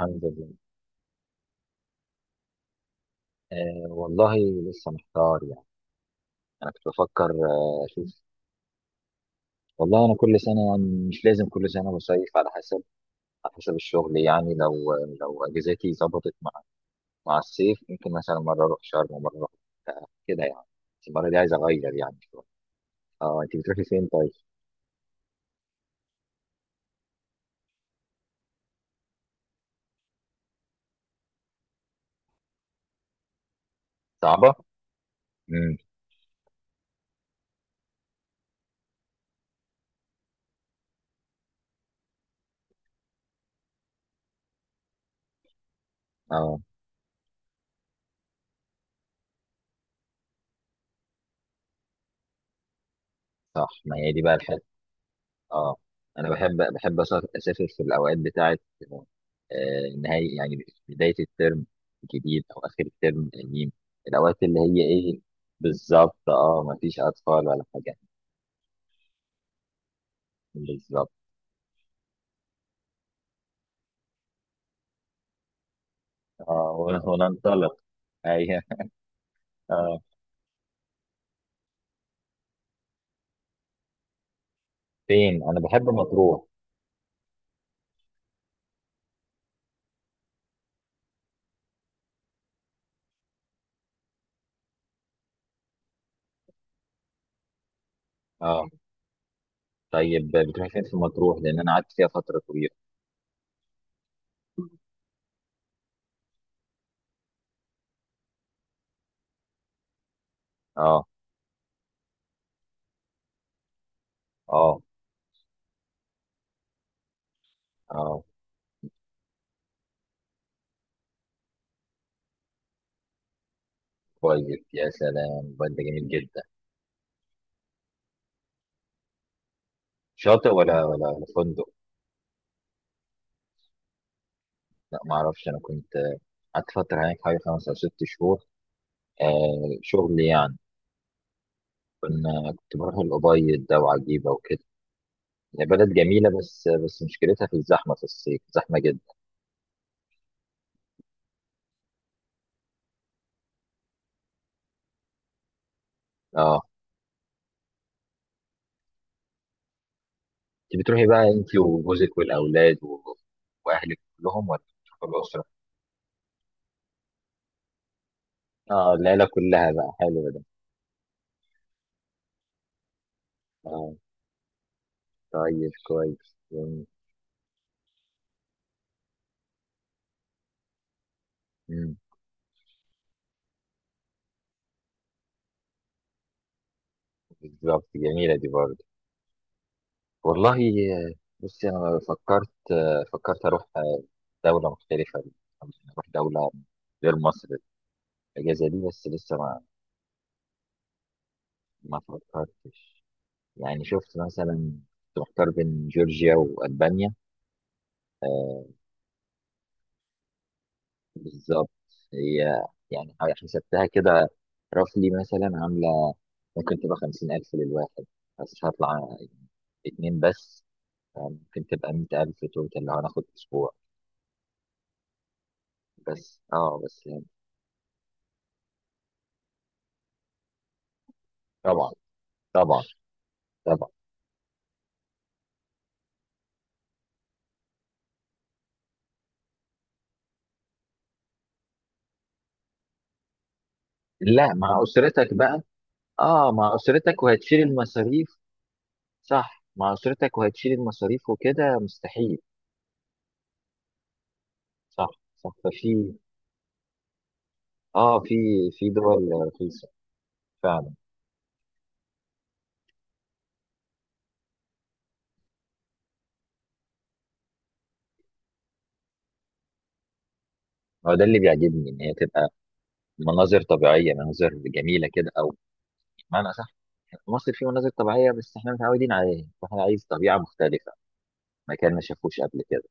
الحمد لله. آه والله. لسه محتار يعني. انا كنت بفكر اشوف. والله انا كل سنه يعني مش لازم كل سنه بصيف، على حسب. على حسب الشغل يعني لو اجازاتي ظبطت مع الصيف، ممكن مثلا مره اروح شرم ومره اروح كده يعني. بس المره دي عايز اغير يعني شويه. اه، انت بتروحي فين طيب؟ صعبه. امم. اه، صح، ما هي دي بقى. اه، انا بحب اسافر في الاوقات بتاعه نهاية يعني بدايه الترم الجديد او اخر الترم القديم. الاوقات اللي هي ايه؟ بالظبط، اه، ما فيش اطفال ولا حاجه. بالظبط. اه، وننطلق. ايوه. اه، فين؟ انا بحب مطروح. اه، طيب، بتروح فين في مطروح؟ لان انا قعدت فيها فتره طويله. اه. اه. اه، كويس، يا سلام، بجد جميل جدا. شاطئ ولا فندق؟ لا، ما اعرفش. انا كنت قعدت فتره هناك حوالي 5 او 6 شهور. آه، شغل يعني. كنت بروح الأبيض ده وعجيبه وكده. بلد جميله، بس مشكلتها في الزحمه، في الصيف زحمه جدا. اه، انت بتروحي بقى انت وجوزك والاولاد واهلك كلهم، ولا؟ بتروحي الاسره؟ اه، العيله كلها بقى. حلو ده. اه، طيب، كويس جميل. مم. بالظبط، جميله دي برضه. والله. آه، بصي، انا فكرت اروح دولة مختلفة، أو نروح دولة غير مصر الأجازة دي. بس لسه ما فكرتش يعني. شفت مثلا، كنت محتار بين جورجيا وألبانيا. آه، بالظبط. هي يعني حسبتها كده، رفلي مثلا عاملة ممكن تبقى 50 ألف للواحد، بس هطلع 2 بس. ممكن تبقى 100 ألف توتال لو هناخد أسبوع. بس يعني، طبعا، طبعا، طبعا. لا، مع أسرتك بقى. اه، مع أسرتك وهتشيل المصاريف. صح، مع أسرتك وهتشيل المصاريف وكده مستحيل. صح. صح. ففي اه في في دول رخيصة فعلا. هو ده اللي بيعجبني، ان هي تبقى مناظر طبيعية، مناظر جميلة كده، او بمعنى صح. مصر فيه مناظر طبيعية، بس احنا متعودين عليها واحنا عايز طبيعة مختلفة. مكان ما شافوش قبل كده.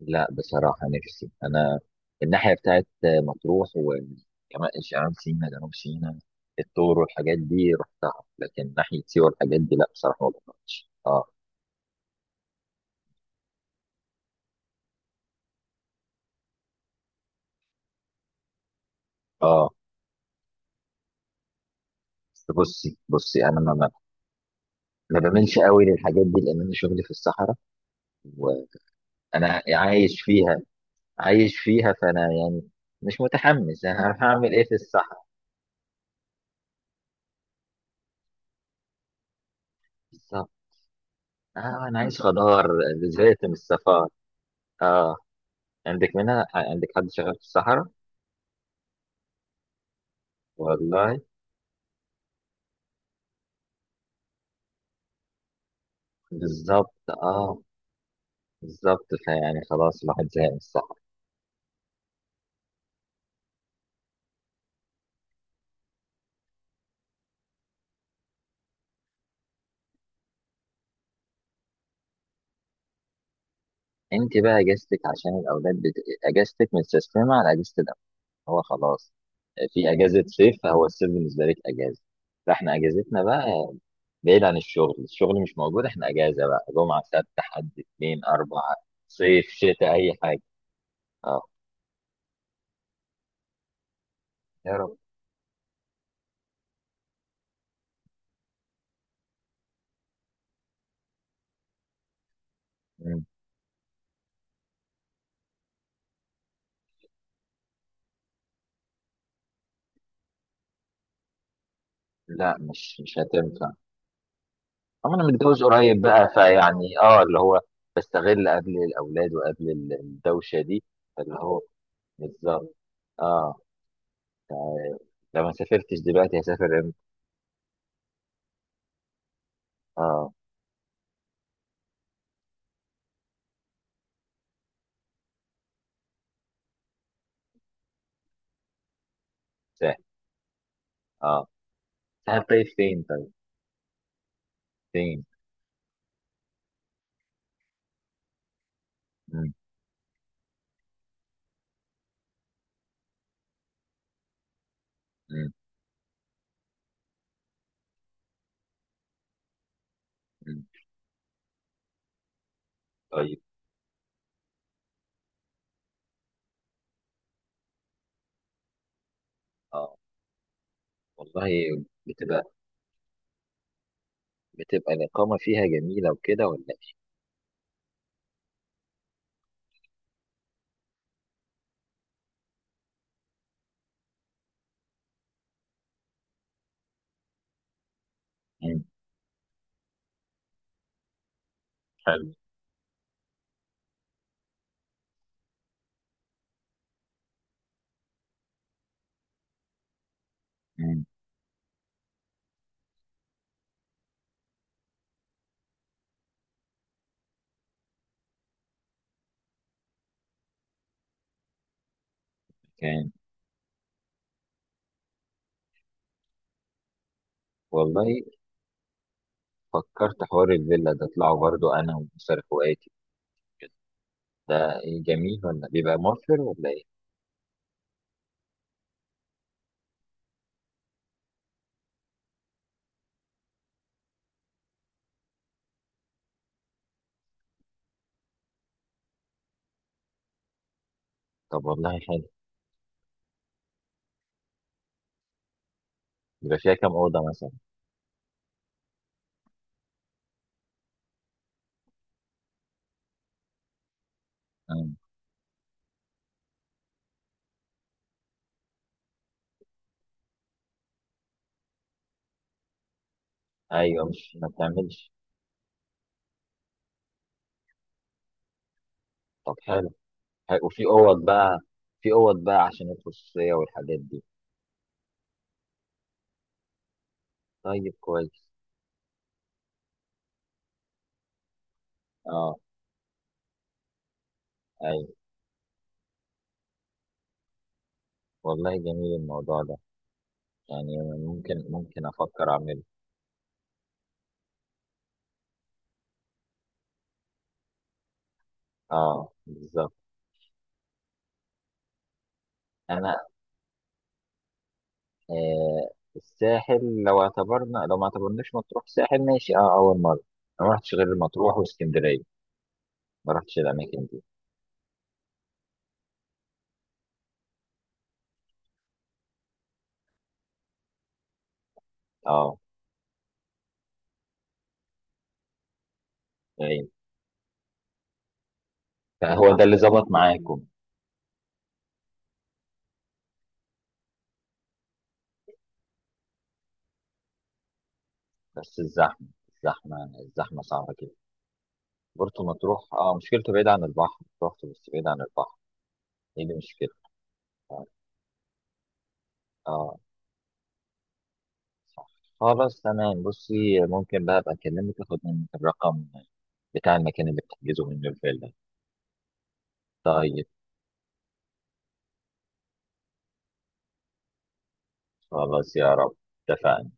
لا، بصراحة نفسي انا، الناحية بتاعت مطروح وكمان شمال سينا، جنوب سينا، الطور والحاجات دي رحتها. لكن ناحية سيوة والحاجات دي، لا بصراحة ما رحتهاش. اه. اه، بس بصي انا ما ما بعملش قوي للحاجات دي لان انا شغلي في الصحراء وانا عايش فيها. عايش فيها، فانا يعني مش متحمس. انا هروح اعمل ايه في الصحراء؟ بالظبط. اه، انا عايز خضار. زيت من الصفار. اه، عندك منها؟ عندك حد شغال في الصحراء؟ والله. بالظبط. اه، بالظبط. فيعني خلاص، الواحد زهق من الصحراء. انت بقى اجازتك عشان الاولاد اجازتك متسيستمه على اجازه. هو خلاص في اجازه صيف، هو الصيف بالنسبه لك اجازه. فاحنا اجازتنا بقى بعيد عن الشغل، الشغل مش موجود. احنا اجازه بقى جمعه، سبت، حد، اثنين، اربعه، صيف، شتاء، اي حاجه. اه. يا رب. مم. لا، مش هتنفع. أما انا متجوز قريب بقى، فيعني اللي هو بستغل قبل الاولاد وقبل الدوشه دي. اللي هو بالظبط. اه، لو ما سافرتش دلوقتي هسافر امتى؟ اه، سهل. اه، هتطيب فين طيب؟ فين؟ مم. مم. طيب، اه، والله بتبقى بتبقى الإقامة فيها جميلة وكده، ولا إيه؟ مم. حلو. مم. كان والله فكرت حوار الفيلا ده أطلعه برضو أنا وأسر إخواتي. ده إيه، جميل ولا بيبقى موفر ولا إيه؟ طب والله حلو. بيبقى فيها كام أوضة مثلا؟ مم. أيوه، مش ما بتعملش. طب حلو. حلو. وفي أوض بقى في أوض بقى عشان الخصوصية والحاجات دي. طيب، كويس. اه، ايوه، والله جميل الموضوع ده يعني. ممكن افكر اعمله. اه، بالظبط. انا آه، الساحل لو اعتبرنا، لو ما اعتبرناش مطروح ساحل ماشي، اول مره. انا ما رحتش غير مطروح واسكندريه. ما رحتش الاماكن دي. اه. ايوه. فهو ده اللي ظبط معاكم. بس الزحمه صعبه كده. برضه مطروح مشكلته بعيد عن البحر. رحت بس بعيد عن البحر. ايه اللي مشكلته. اه. آه، صح. خلاص، تمام. بصي، ممكن بقى ابقى اكلمك، اخد منك الرقم بتاع المكان اللي بتحجزه منه الفيلا. طيب. خلاص، يا رب، اتفقنا.